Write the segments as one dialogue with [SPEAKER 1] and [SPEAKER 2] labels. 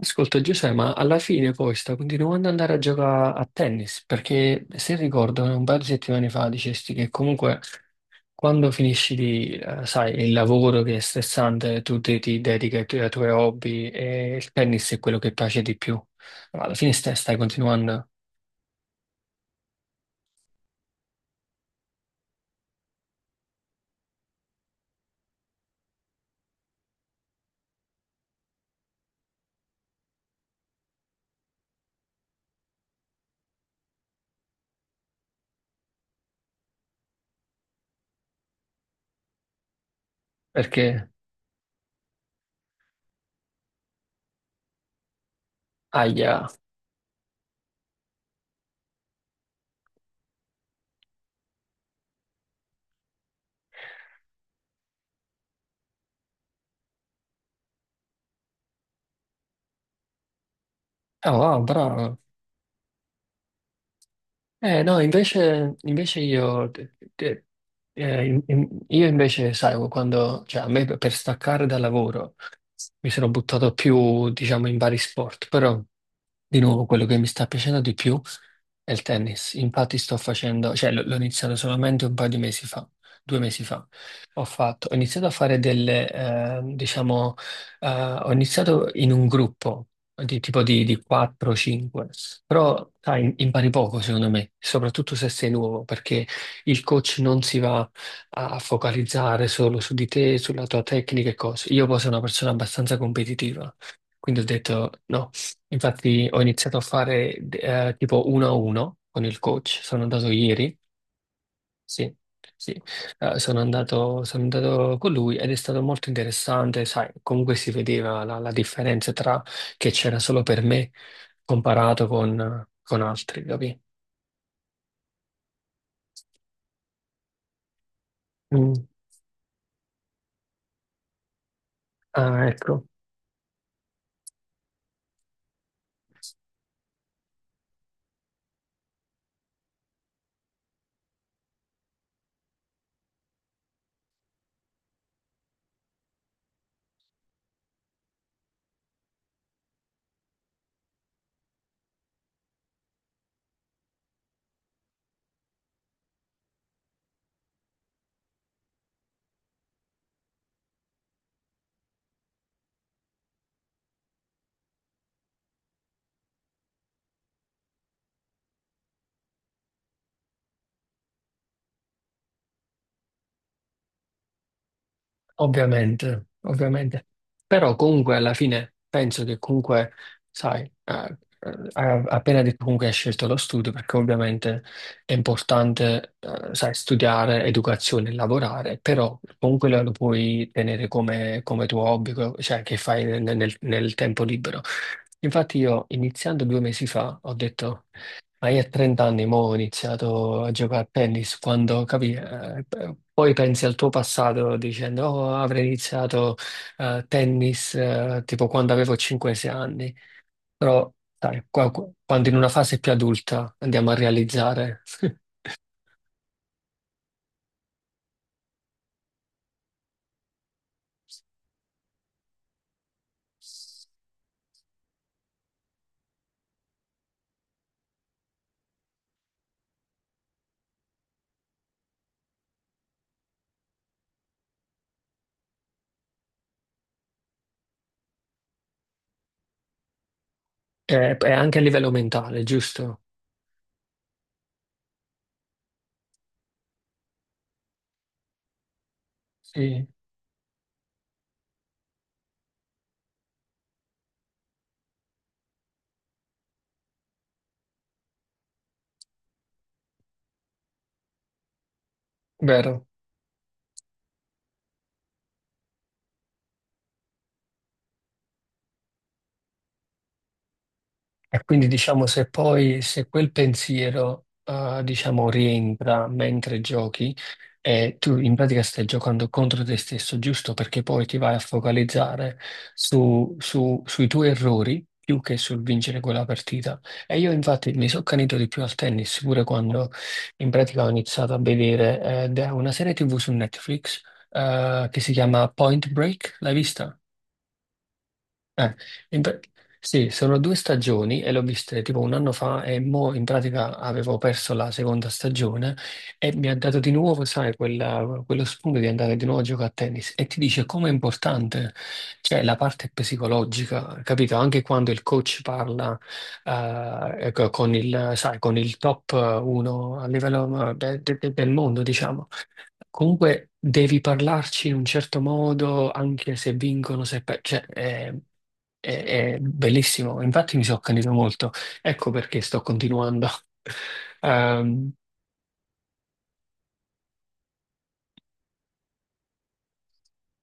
[SPEAKER 1] Ascolta Giuseppe, ma alla fine poi sta continuando ad andare a giocare a tennis, perché se ricordo un paio di settimane fa dicesti che comunque quando finisci di, sai, il lavoro che è stressante, tu ti dedichi ai tuoi hobby e il tennis è quello che piace di più. Ma alla fine stai continuando perché, aia, oh wow, bravo. Eh no, invece io, io invece, sai, quando, cioè a me per staccare dal lavoro. Mi sono buttato più, diciamo, in vari sport, però di nuovo quello che mi sta piacendo di più. È il tennis, infatti sto facendo, cioè l'ho iniziato solamente un paio di mesi fa, due mesi fa. Ho iniziato a fare delle, diciamo, ho iniziato in un gruppo di tipo di 4-5, però sai, impari poco secondo me, soprattutto se sei nuovo, perché il coach non si va a focalizzare solo su di te, sulla tua tecnica e cose. Io poi sono una persona abbastanza competitiva, quindi ho detto no. Infatti ho iniziato a fare tipo uno a uno con il coach, sono andato ieri, sì, sì. Sono andato con lui ed è stato molto interessante, sai, comunque si vedeva la differenza tra che c'era solo per me comparato con altri, capi? Mm. Ah, ecco. Ovviamente, ovviamente. Però comunque alla fine penso che comunque, sai, hai appena detto comunque hai scelto lo studio perché ovviamente è importante, sai, studiare, educazione, e lavorare, però comunque lo puoi tenere come, come tuo hobby, cioè che fai nel nel tempo libero. Infatti io iniziando due mesi fa ho detto... Ma io a 30 anni mo ho iniziato a giocare a tennis, quando capì, poi pensi al tuo passato dicendo oh, avrei iniziato tennis tipo quando avevo 5-6 anni, però sai, quando in una fase più adulta andiamo a realizzare, è anche a livello mentale, giusto? Sì, vero. E quindi diciamo se poi se quel pensiero diciamo rientra mentre giochi e tu in pratica stai giocando contro te stesso, giusto? Perché poi ti vai a focalizzare sui tuoi errori più che sul vincere quella partita. E io infatti mi sono accanito di più al tennis, pure quando in pratica ho iniziato a vedere da una serie TV su Netflix che si chiama Point Break, l'hai vista? Eh, in pra- sì, sono due stagioni e l'ho viste tipo un anno fa e mo in pratica avevo perso la seconda stagione e mi ha dato di nuovo, sai, quello spunto di andare di nuovo a giocare a tennis e ti dice com'è importante, cioè la parte psicologica, capito? Anche quando il coach parla ecco, sai, con il top 1 a livello del mondo, diciamo. Comunque devi parlarci in un certo modo, anche se vincono, se per... cioè, è, è bellissimo, infatti mi sono accanito molto. Ecco perché sto continuando. Ehm,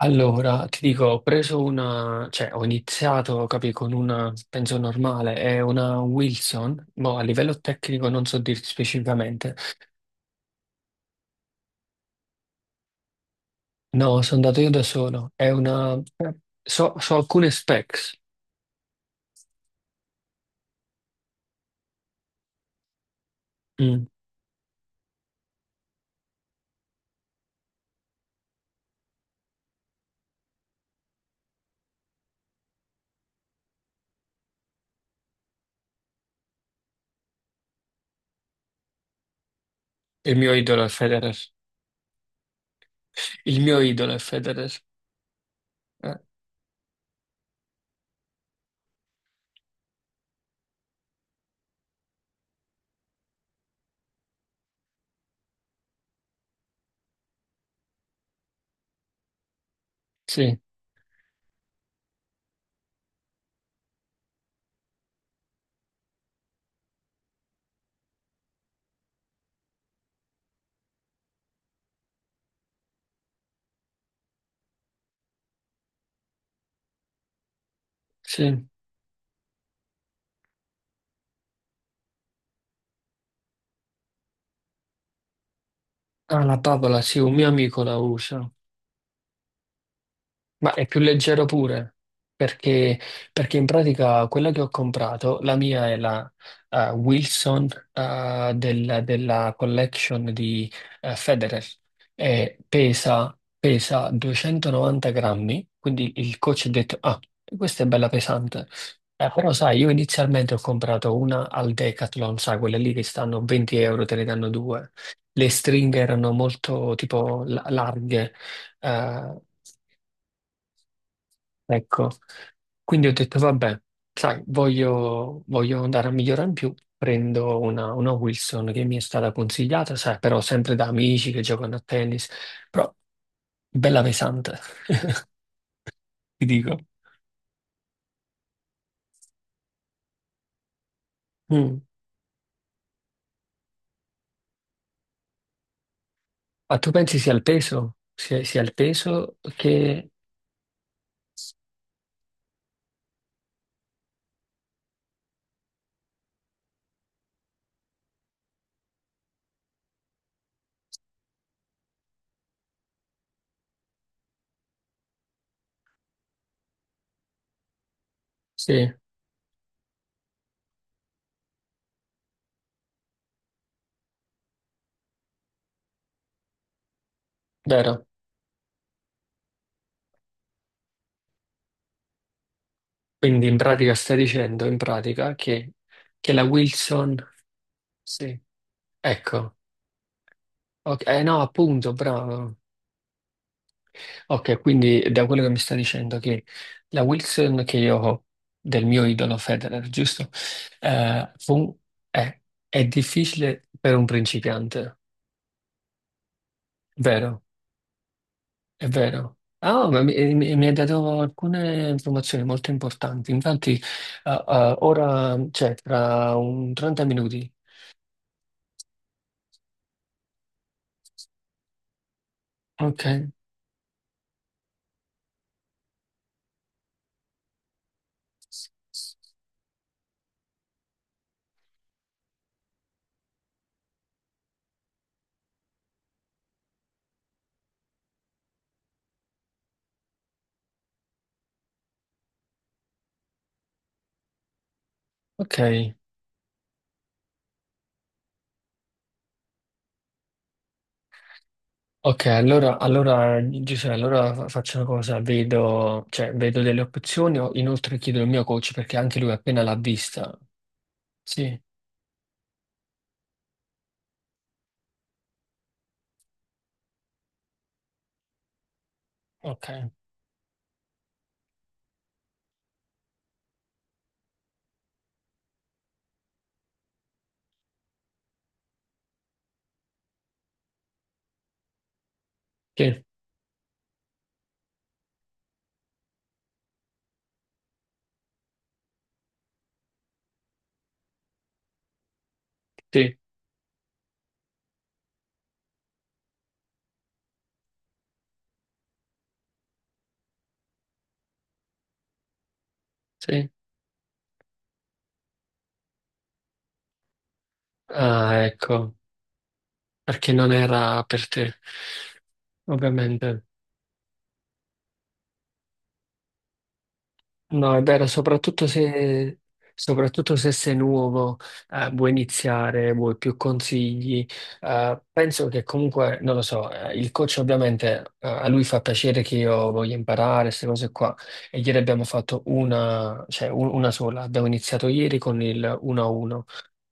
[SPEAKER 1] allora, ti dico, ho preso una, cioè ho iniziato, capi, con una, penso normale, è una Wilson, ma a livello tecnico non so dirti specificamente. No, sono andato io da solo, è una, so alcune specs. Mm. Il mio idolo è Federer. Il mio idolo è Federer. Eh, sì, sì. Ah, la Papola, sì, un mio amico la usa. Ma è più leggero pure, perché, perché in pratica quella che ho comprato, la mia è la Wilson della collection di Federer, e pesa 290 grammi, quindi il coach ha detto, ah, questa è bella pesante. Però sai, io inizialmente ho comprato una al Decathlon, sai, quelle lì che stanno 20 euro, te ne danno due. Le stringhe erano molto tipo larghe, eh, ecco. Quindi ho detto, vabbè, sai, voglio andare a migliorare in più. Prendo una Wilson che mi è stata consigliata, sai, però sempre da amici che giocano a tennis, però bella pesante, ti dico. Mm. Ma tu pensi sia il peso? Sia il peso che... Sì, vero. Quindi in pratica stai dicendo, in pratica, che la Wilson... Sì, ecco. Ok, eh no, appunto, bravo. Ok, quindi da quello che mi sta dicendo che la Wilson che io ho del mio idolo Federer, giusto? Eh, fu- è, è difficile per un principiante, vero? È vero. Ah, ma mi hai dato alcune informazioni molto importanti. Infatti, ora, cioè, tra un 30 minuti. Ok, ok. Ok, allora, Giuseppe, allora faccio una cosa, cioè, vedo delle opzioni, inoltre chiedo il mio coach perché anche lui appena l'ha vista. Sì, ok, sì, sì, sì. Ah, ecco, perché non era per te, ovviamente. No, è vero, soprattutto se sei nuovo, vuoi iniziare, vuoi più consigli. Penso che comunque, non lo so, il coach ovviamente, a lui fa piacere che io voglia imparare queste cose qua. E ieri abbiamo fatto una, cioè una sola, abbiamo iniziato ieri con il 1-1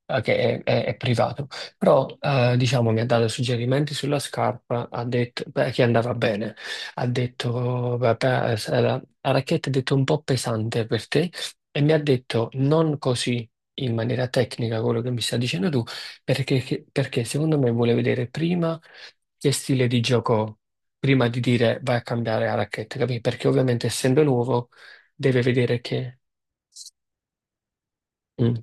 [SPEAKER 1] che è privato, però diciamo mi ha dato suggerimenti sulla scarpa, ha detto beh, che andava bene, ha detto beh, se la racchetta è detto un po' pesante per te e mi ha detto non così in maniera tecnica quello che mi stai dicendo tu, perché secondo me vuole vedere prima che stile di gioco ho, prima di dire vai a cambiare la racchetta, capì? Perché ovviamente essendo nuovo deve vedere che... Mm,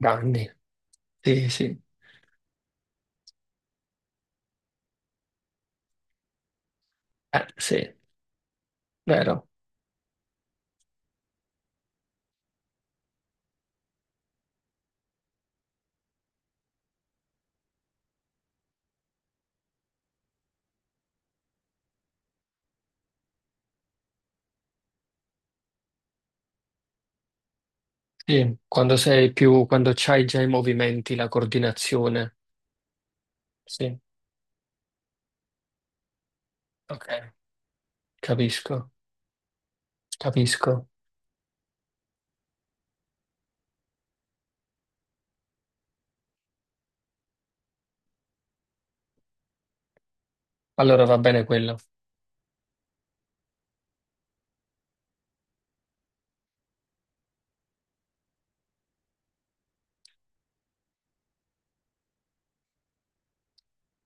[SPEAKER 1] danni, sì, sì, sì, vero. Sì, quando sei più, quando c'hai già i movimenti, la coordinazione. Sì, ok, capisco, capisco. Allora va bene quello.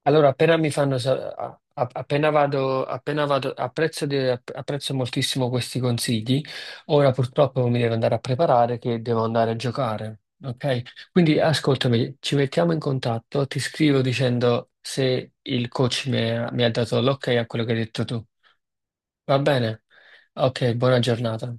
[SPEAKER 1] Allora, appena mi fanno, appena vado, apprezzo, apprezzo moltissimo questi consigli. Ora purtroppo mi devo andare a preparare che devo andare a giocare. Ok? Quindi ascoltami, ci mettiamo in contatto, ti scrivo dicendo se il coach mi ha dato l'ok a quello che hai detto tu. Va bene? Ok, buona giornata.